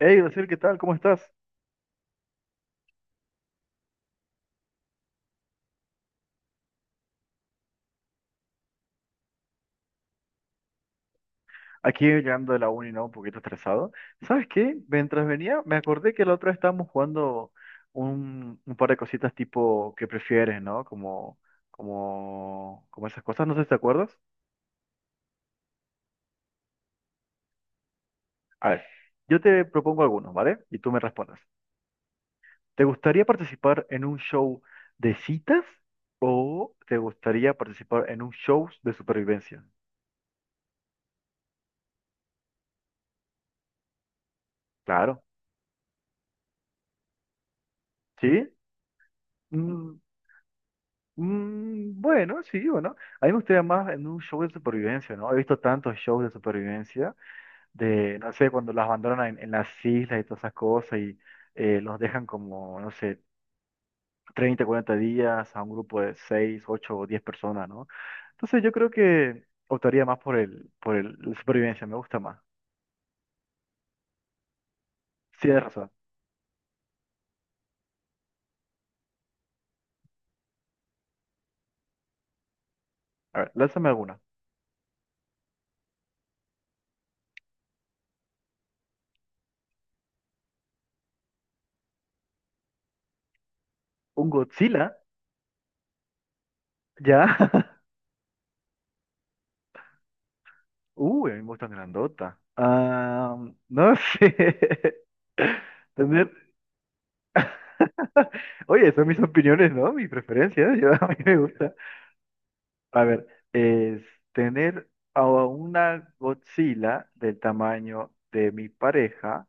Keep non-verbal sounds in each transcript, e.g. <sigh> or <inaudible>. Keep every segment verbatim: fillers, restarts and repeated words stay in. Hey, Graciel, ¿qué tal? ¿Cómo estás? Aquí llegando de la uni, ¿no? Un poquito estresado. ¿Sabes qué? Mientras venía, me acordé que la otra vez estábamos jugando un, un par de cositas tipo que prefieres, ¿no? Como, como, como esas cosas, no sé si te acuerdas. A ver, yo te propongo algunos, ¿vale? Y tú me respondes. ¿Te gustaría participar en un show de citas o te gustaría participar en un show de supervivencia? Claro, ¿sí? Mm. Mm, bueno, sí, bueno. A mí me gustaría más en un show de supervivencia, ¿no? He visto tantos shows de supervivencia, de, no sé, cuando las abandonan en, en, las islas y todas esas cosas y eh, los dejan como, no sé, treinta, cuarenta días a un grupo de seis ocho o diez personas, ¿no? Entonces yo creo que optaría más por el, por el, la supervivencia, me gusta más. Sí, tienes razón. A ver, lánzame alguna. ¿Un Godzilla? ¿Ya? <laughs> Uy, a mí me gustan grandota. Ah, no sé. <laughs> Tener <laughs> Oye, son mis opiniones, ¿no? Mis preferencias. Yo, <laughs> a mí me gusta. A ver, es tener a una Godzilla del tamaño de mi pareja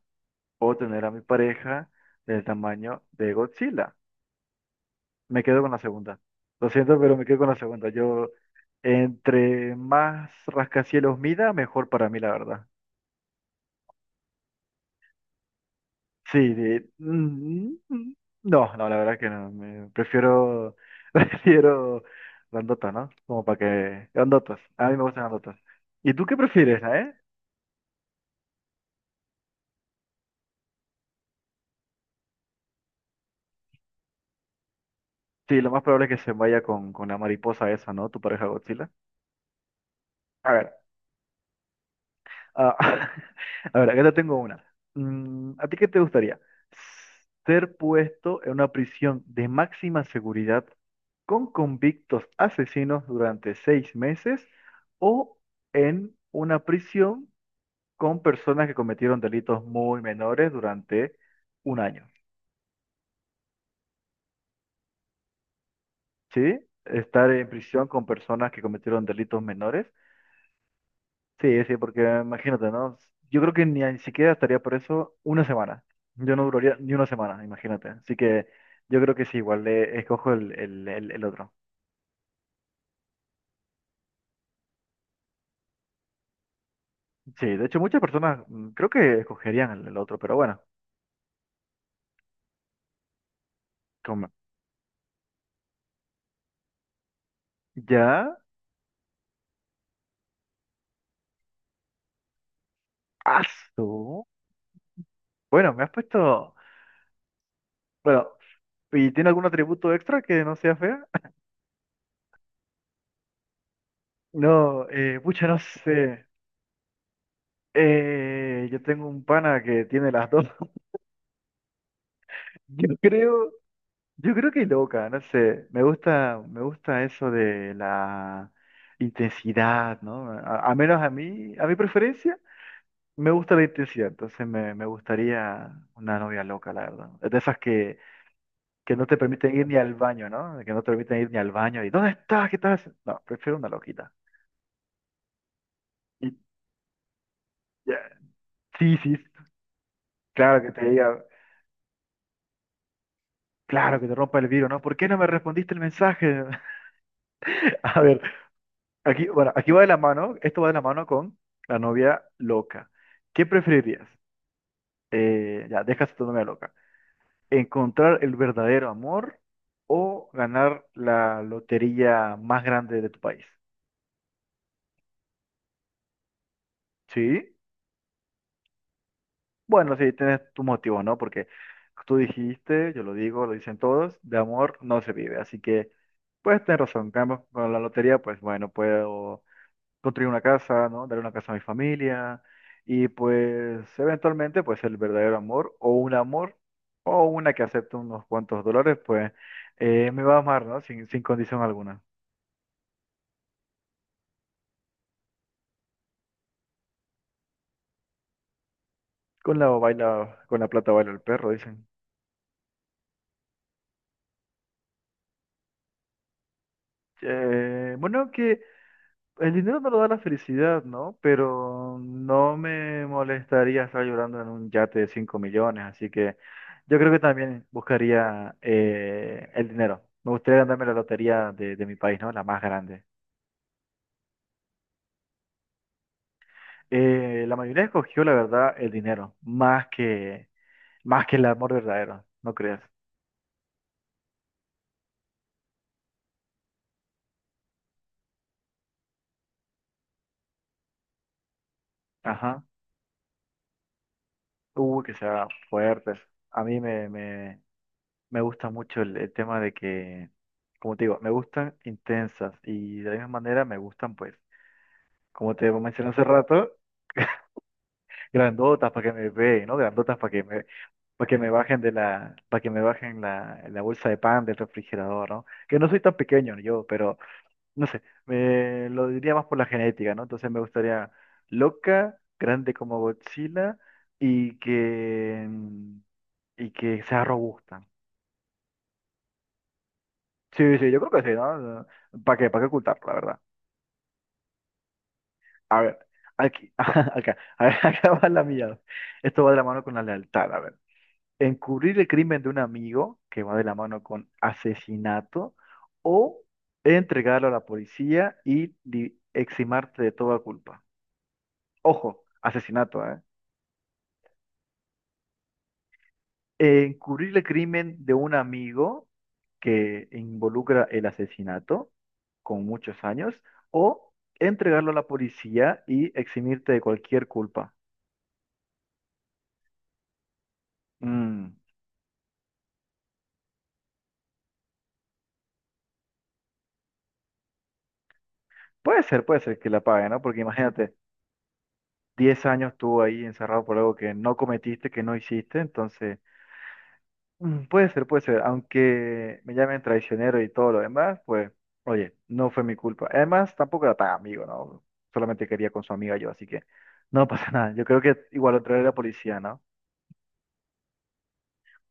o tener a mi pareja del tamaño de Godzilla. Me quedo con la segunda. Lo siento, pero me quedo con la segunda. Yo, entre más rascacielos mida, mejor para mí, la verdad. Sí, de- mm, mm, no, no, la verdad que no. Me- prefiero, <laughs> prefiero grandotas, ¿no? Como para que... Grandotas, a mí me gustan grandotas. ¿Y tú qué prefieres, eh? Sí, lo más probable es que se vaya con, con la mariposa esa, ¿no? Tu pareja Godzilla. A ver. Ah, <laughs> a ver, acá te tengo una. Mm, ¿a ti qué te gustaría? ¿Ser puesto en una prisión de máxima seguridad con convictos asesinos durante seis meses o en una prisión con personas que cometieron delitos muy menores durante un año? ¿Sí? Estar en prisión con personas que cometieron delitos menores. Sí, sí, porque imagínate, ¿no? Yo creo que ni, a- ni siquiera estaría por eso una semana. Yo no duraría ni una semana, imagínate. Así que yo creo que sí, igual le escojo el, el, el, el otro. Sí, de hecho muchas personas mm, creo que escogerían el, el otro, pero bueno, como ya, asu. Bueno, me has puesto, bueno, ¿y tiene algún atributo extra que no sea fea? <laughs> No, eh, pucha, no sé. Eh, yo tengo un pana que tiene las dos. <laughs> Yo creo. Yo creo que loca, no sé, me gusta, me gusta eso de la intensidad, ¿no? A, a menos a mí, a mi preferencia, me gusta la intensidad, entonces me, me gustaría una novia loca, la verdad. Es De esas que, que no te permiten ir ni al baño, ¿no? Que no te permiten ir ni al baño y ¿dónde estás? ¿Qué estás haciendo? No, prefiero una loquita. Y, ya, sí, sí, claro que te diga, claro que te rompa el vidrio, ¿no? ¿Por qué no me respondiste el mensaje? <laughs> A ver. Aquí, bueno, aquí va de la mano, esto va de la mano con la novia loca. ¿Qué preferirías? Eh, ya, dejas a tu novia loca. ¿Encontrar el verdadero amor o ganar la lotería más grande de tu país? ¿Sí? Bueno, sí, tienes tu motivo, ¿no? Porque tú dijiste, yo lo digo, lo dicen todos, de amor no se vive. Así que, pues, tienes razón. Cambio, Con la lotería, pues, bueno, puedo construir una casa, ¿no? Dar una casa a mi familia y pues eventualmente pues el verdadero amor o un amor o una que acepte unos cuantos dólares pues eh, me va a amar, ¿no? Sin, sin condición alguna. Con la baila, con la plata baila el perro, dicen. Eh, bueno, que El dinero no lo da la felicidad, ¿no? Pero no me molestaría estar llorando en un yate de cinco millones, así que yo creo que también buscaría eh, el dinero. Me gustaría ganarme la lotería de, de mi país, ¿no? La más grande. Eh, la mayoría escogió, la verdad, el dinero, más que, más que el amor verdadero, ¿no crees? Ajá. Uh, que sea fuerte. A mí me, me, me gusta mucho el, el tema de que, como te digo, me gustan intensas y de la misma manera me gustan, pues. Como te mencioné hace rato, grandotas para que me vean, ¿no? Grandotas para que me, para que me bajen de la, para que me bajen la, la bolsa de pan del refrigerador, ¿no? Que no soy tan pequeño yo, pero no sé, me lo diría más por la genética, ¿no? Entonces me gustaría loca, grande como Godzilla y que y que sea robusta. Sí, sí, yo creo que sí, ¿no? ¿Para qué? ¿Para qué ocultarlo, la verdad? A ver, aquí, <laughs> acá, a ver, <laughs> acá va la mía. Esto va de la mano con la lealtad, a ver. Encubrir el crimen de un amigo, que va de la mano con asesinato, o entregarlo a la policía y di- eximarte de toda culpa. Ojo, asesinato, ¿eh? Encubrir el crimen de un amigo que involucra el asesinato con muchos años, o entregarlo a la policía y eximirte de cualquier culpa. Mm, Puede ser, puede ser que la pague, ¿no? Porque imagínate. Diez años estuvo ahí encerrado por algo que no cometiste, que no hiciste, entonces mm, puede ser, puede ser, aunque me llamen traicionero y todo lo demás, pues oye, no fue mi culpa. Además, tampoco era tan amigo, ¿no? Solamente quería con su amiga yo, así que no pasa <laughs> nada. Yo creo que igual lo traeré a la policía, ¿no?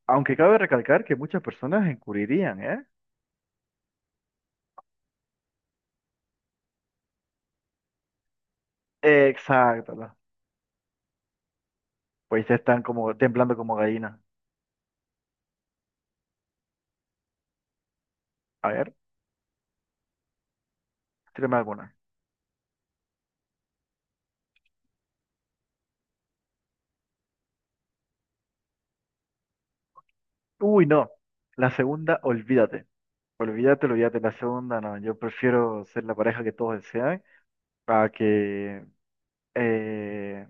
Aunque cabe recalcar que muchas personas encubrirían, ¿eh? Exacto, ¿no? Pues ya están como temblando como gallinas. A ver, tírame alguna. Uy, no. La segunda, olvídate. Olvídate, olvídate, la segunda no. Yo prefiero ser la pareja que todos desean para que... eh,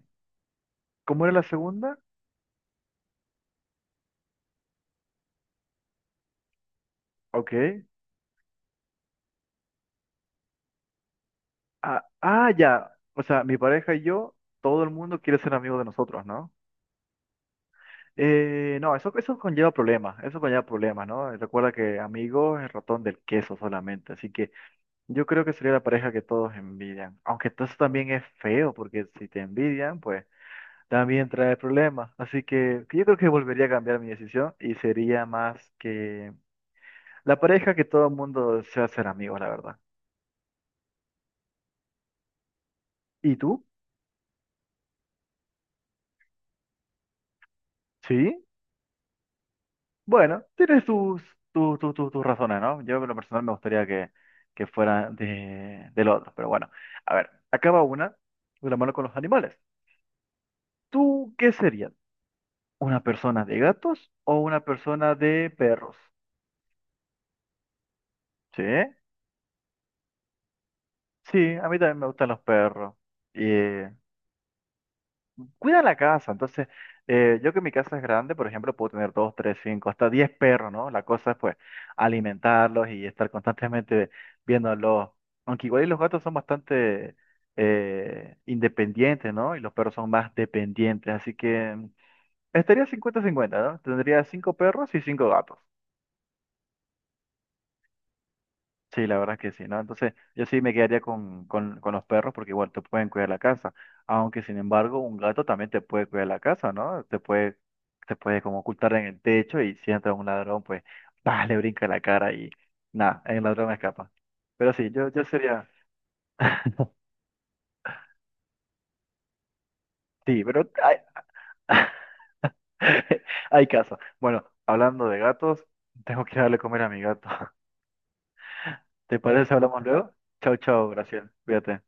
¿Cómo era la segunda? Ok. Ah, ah, ya. O sea, mi pareja y yo, todo el mundo quiere ser amigo de nosotros, ¿no? Eh, no, eso, eso, conlleva problemas, eso conlleva problemas, ¿no? Recuerda que amigo es el ratón del queso solamente, así que yo creo que sería la pareja que todos envidian, aunque todo eso también es feo, porque si te envidian, pues... también trae problemas. Así que yo creo que volvería a cambiar mi decisión y sería más que la pareja que todo el mundo desea ser amigos, la verdad. ¿Y tú? Sí. Bueno, tienes tus, tu- tu- tu- tus razones, ¿no? Yo en lo personal me gustaría que, que fuera de, del otro. Pero bueno, a ver, acaba una de la mano con los animales. ¿Tú qué serías? ¿Una persona de gatos o una persona de perros? Sí. Sí, a mí también me gustan los perros. Cuida la casa. Entonces, eh, yo que mi casa es grande, por ejemplo, puedo tener dos, tres, cinco, hasta diez perros, ¿no? La cosa es, pues, alimentarlos y estar constantemente viéndolos. Aunque igual y los gatos son bastante eh, independientes, ¿no? Y los perros son más dependientes. Así que mm, estaría cincuenta-cincuenta, ¿no? Tendría cinco perros y cinco gatos. Sí, la verdad que sí, ¿no? Entonces, yo sí me quedaría con, con, con los perros porque igual te pueden cuidar la casa. Aunque, sin embargo, un gato también te puede cuidar la casa, ¿no? Te puede, te puede como ocultar en el techo y si entra un ladrón, pues, <laughs> ¡pah! Le brinca en la cara y nada, el ladrón escapa. Pero sí, yo, yo sería... <laughs> Sí, pero hay, <laughs> hay caso. Bueno, hablando de gatos, tengo que darle a comer a mi gato. <laughs> ¿Te parece? Si hablamos luego. Chau, chau, Graciela. Cuídate.